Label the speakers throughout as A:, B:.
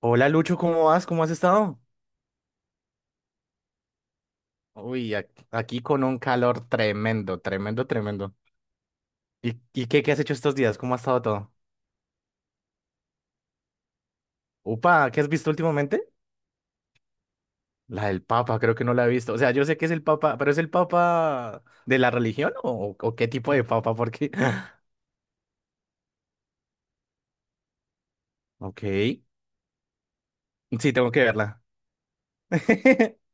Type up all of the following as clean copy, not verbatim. A: Hola Lucho, ¿cómo vas? ¿Cómo has estado? Uy, aquí con un calor tremendo, tremendo, tremendo. ¿Y qué has hecho estos días? ¿Cómo ha estado todo? Upa, ¿qué has visto últimamente? La del Papa, creo que no la he visto. O sea, yo sé que es el Papa, pero ¿es el Papa de la religión o qué tipo de Papa? Porque... Ok, sí, tengo que verla.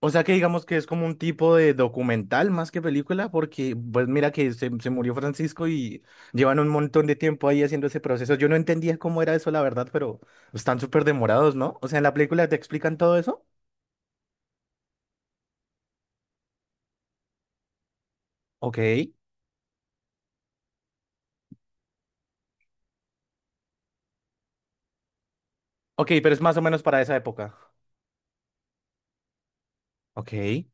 A: O sea que digamos que es como un tipo de documental más que película, porque pues mira que se murió Francisco y llevan un montón de tiempo ahí haciendo ese proceso. Yo no entendía cómo era eso, la verdad, pero están súper demorados, ¿no? O sea, en la película te explican todo eso. Ok. Ok, pero es más o menos para esa época. Ok.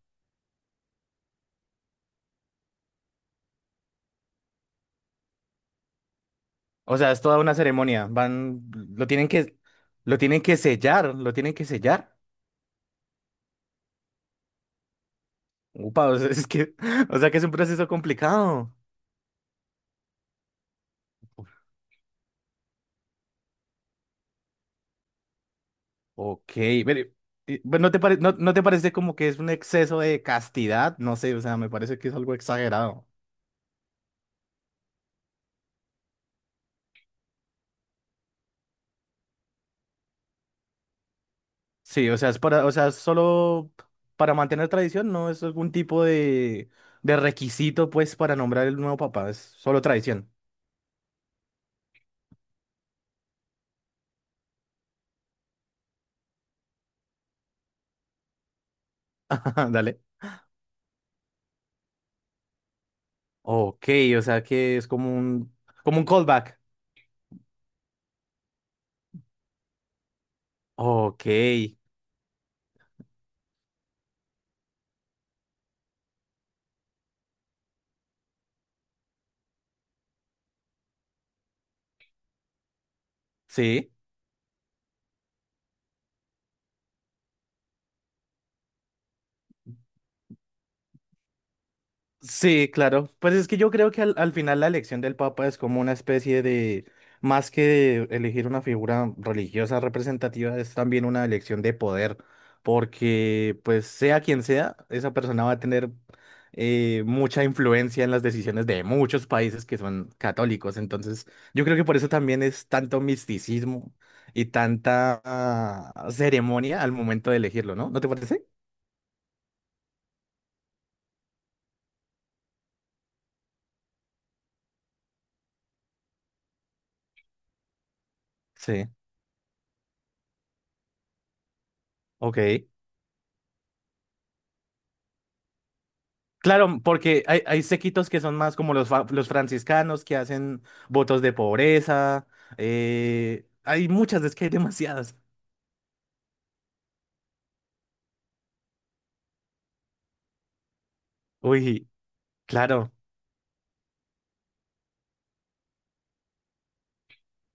A: O sea, es toda una ceremonia. Van, lo tienen que, lo tienen que sellar, lo tienen que sellar. Upa, o sea, es que, o sea que es un proceso complicado. Ok, pero, pero ¿no te parece como que es un exceso de castidad? No sé, o sea, me parece que es algo exagerado. Sí, o sea, es para, o sea, solo para mantener tradición, no es algún tipo de requisito, pues, para nombrar el nuevo papá, es solo tradición. Dale. Ok, o sea que es como un callback. Ok, sí. Sí, claro. Pues es que yo creo que al final la elección del Papa es como una especie de, más que de elegir una figura religiosa representativa, es también una elección de poder, porque pues sea quien sea, esa persona va a tener mucha influencia en las decisiones de muchos países que son católicos. Entonces, yo creo que por eso también es tanto misticismo y tanta ceremonia al momento de elegirlo, ¿no? ¿No te parece? Sí. Ok. Claro, porque hay sequitos que son más como los franciscanos que hacen votos de pobreza. Eh, hay muchas, es que hay demasiadas. Uy, claro.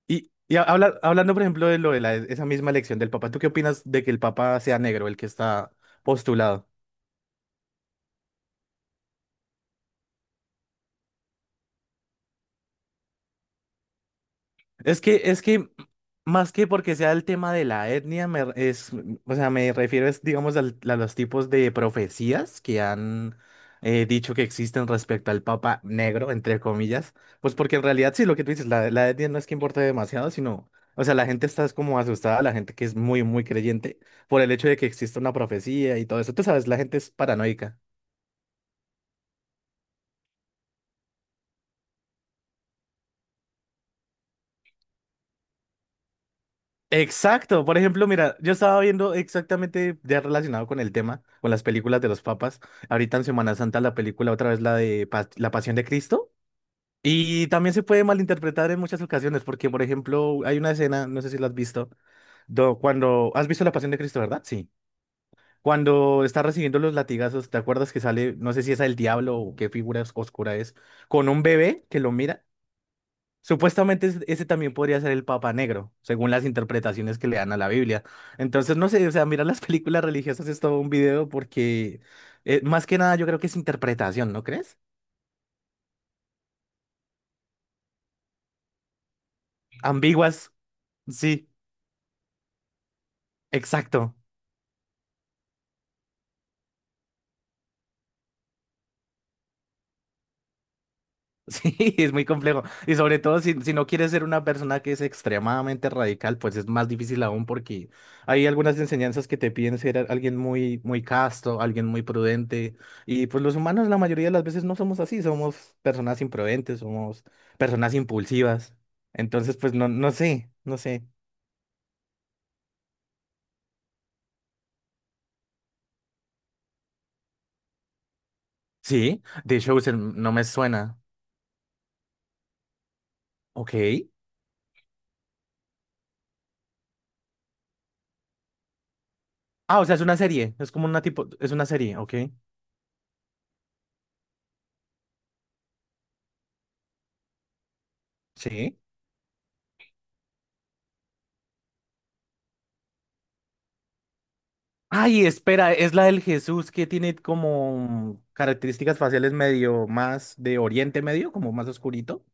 A: Hablando, por ejemplo, de lo de esa misma elección del Papa, ¿tú qué opinas de que el Papa sea negro, el que está postulado? Es que más que porque sea el tema de la etnia, o sea, me refiero es, digamos, a los tipos de profecías que han dicho que existen respecto al Papa Negro, entre comillas. Pues porque en realidad sí, lo que tú dices, la etnia no es que importe demasiado, sino, o sea, la gente está es como asustada, la gente que es muy creyente por el hecho de que exista una profecía y todo eso. Tú sabes, la gente es paranoica. Exacto, por ejemplo, mira, yo estaba viendo exactamente ya relacionado con el tema, con las películas de los papas, ahorita en Semana Santa la película otra vez la de La Pasión de Cristo, y también se puede malinterpretar en muchas ocasiones, porque por ejemplo, hay una escena, no sé si la has visto, ¿has visto La Pasión de Cristo, verdad? Sí. Cuando está recibiendo los latigazos, ¿te acuerdas que sale, no sé si es el diablo o qué figura oscura es, con un bebé que lo mira? Supuestamente ese también podría ser el Papa Negro, según las interpretaciones que le dan a la Biblia. Entonces, no sé, o sea, mirar las películas religiosas es todo un video porque más que nada yo creo que es interpretación, ¿no crees? Ambiguas, sí, exacto. Sí, es muy complejo. Y sobre todo si, si no quieres ser una persona que es extremadamente radical, pues es más difícil aún porque hay algunas enseñanzas que te piden ser alguien muy casto, alguien muy prudente. Y pues los humanos la mayoría de las veces no somos así, somos personas imprudentes, somos personas impulsivas. Entonces, pues no sé, no sé. Sí, The Chosen no me suena. Ok. Ah, o sea, es una serie, es como una tipo, es una serie, ok. Sí. Ay, espera, es la del Jesús que tiene como características faciales medio más de Oriente Medio, como más oscurito.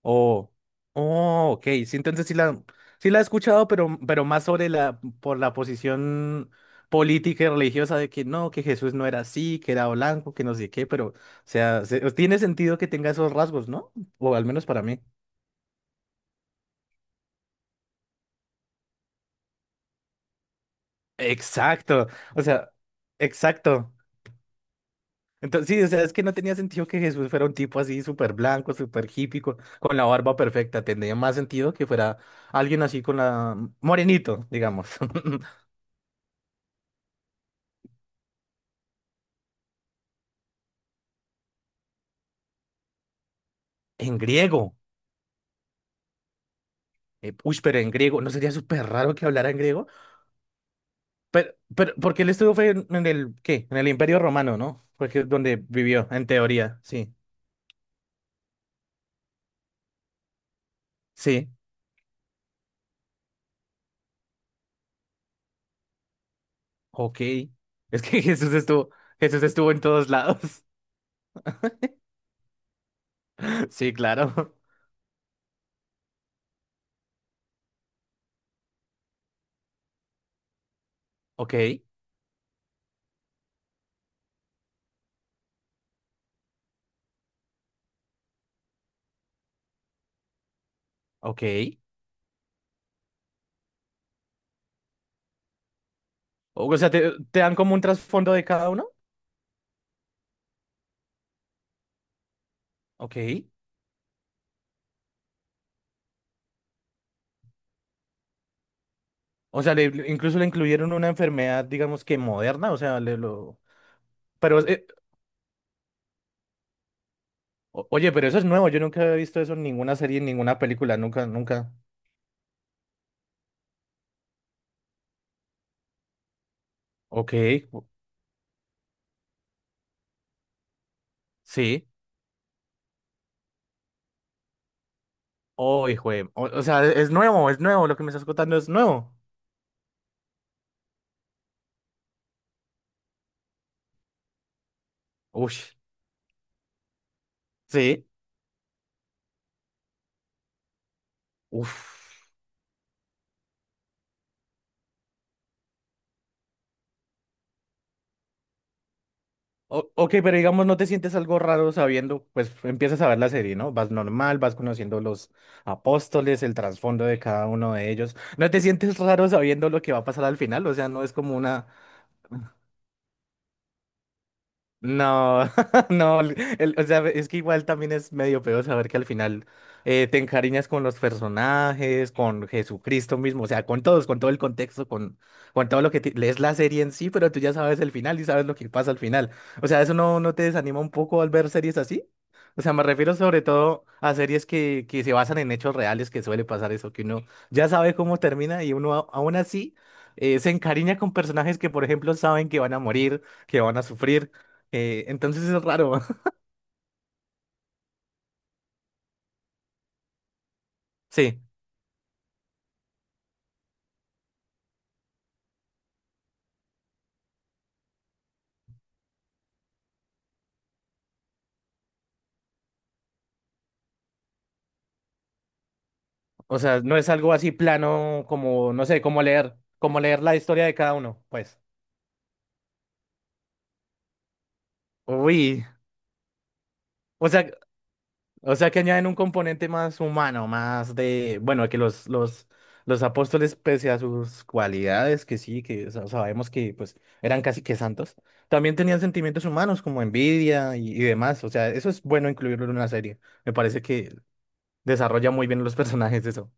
A: Oh, oh, ok. Sí, entonces sí sí la he escuchado, pero más sobre la, por la posición política y religiosa de que no, que Jesús no era así, que era blanco, que no sé qué, pero, o sea, tiene sentido que tenga esos rasgos, ¿no? O al menos para mí. Exacto. O sea, exacto. Entonces, sí, o sea, es que no tenía sentido que Jesús fuera un tipo así súper blanco, súper hippie, con la barba perfecta. Tendría más sentido que fuera alguien así con la... mm, morenito, digamos. En griego. Eh, uy, pero en griego. ¿No sería súper raro que hablara en griego? Porque él estuvo fue en el, ¿qué? En el Imperio Romano, ¿no? Porque es donde vivió, en teoría, sí. Sí, ok. Es que Jesús estuvo en todos lados. Sí, claro. Ok, ok. O sea, te dan como un trasfondo de cada uno. Ok. O sea, incluso le incluyeron una enfermedad, digamos que moderna. O sea, le lo. Pero, oye, pero eso es nuevo. Yo nunca había visto eso en ninguna serie, en ninguna película. Nunca, nunca. Ok. o- Sí. Oh, hijo de... O, o sea, es nuevo, es nuevo. Lo que me estás contando es nuevo. Ush. Sí. Uf. Ok, pero digamos, no te sientes algo raro sabiendo, pues empiezas a ver la serie, ¿no? Vas normal, vas conociendo los apóstoles, el trasfondo de cada uno de ellos. ¿No te sientes raro sabiendo lo que va a pasar al final? O sea, no es como una... No, no, o sea, es que igual también es medio peor saber que al final te encariñas con los personajes, con Jesucristo mismo, o sea, con todos, con todo el contexto, con todo lo que lees la serie en sí, pero tú ya sabes el final y sabes lo que pasa al final. O sea, ¿eso no te desanima un poco al ver series así? O sea, me refiero sobre todo a series que se basan en hechos reales, que suele pasar eso, que uno ya sabe cómo termina y uno aún así se encariña con personajes que, por ejemplo, saben que van a morir, que van a sufrir entonces es raro. Sí, o sea, no es algo así plano como, no sé, como leer la historia de cada uno, pues. Uy, o sea, o sea que añaden un componente más humano, más de, bueno, que los apóstoles, pese a sus cualidades, que sí, que sabemos que pues eran casi que santos, también tenían sentimientos humanos como envidia y demás. O sea, eso es bueno incluirlo en una serie. Me parece que desarrolla muy bien los personajes eso.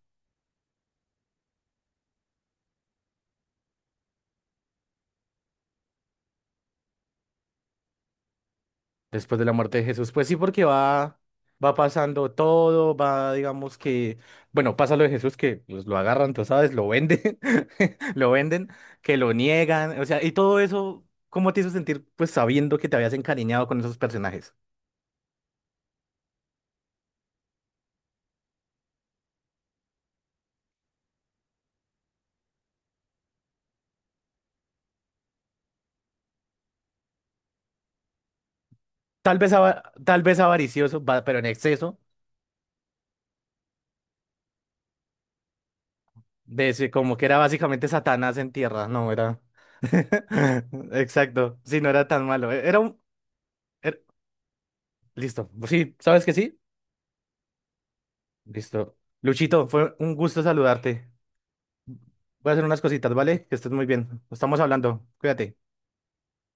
A: Después de la muerte de Jesús. Pues sí, porque va, va pasando todo, va, digamos que, bueno, pasa lo de Jesús que pues, lo agarran, tú sabes, lo venden, lo venden, que lo niegan, o sea, y todo eso, ¿cómo te hizo sentir, pues sabiendo que te habías encariñado con esos personajes? Tal vez, tal vez avaricioso, pero en exceso, como que era básicamente Satanás en tierra, no era. Exacto, sí, no era tan malo, era un... era- Listo, sí, ¿sabes que sí? Listo. Luchito, fue un gusto saludarte. Voy a hacer unas cositas, ¿vale? Que estés muy bien. Estamos hablando. Cuídate.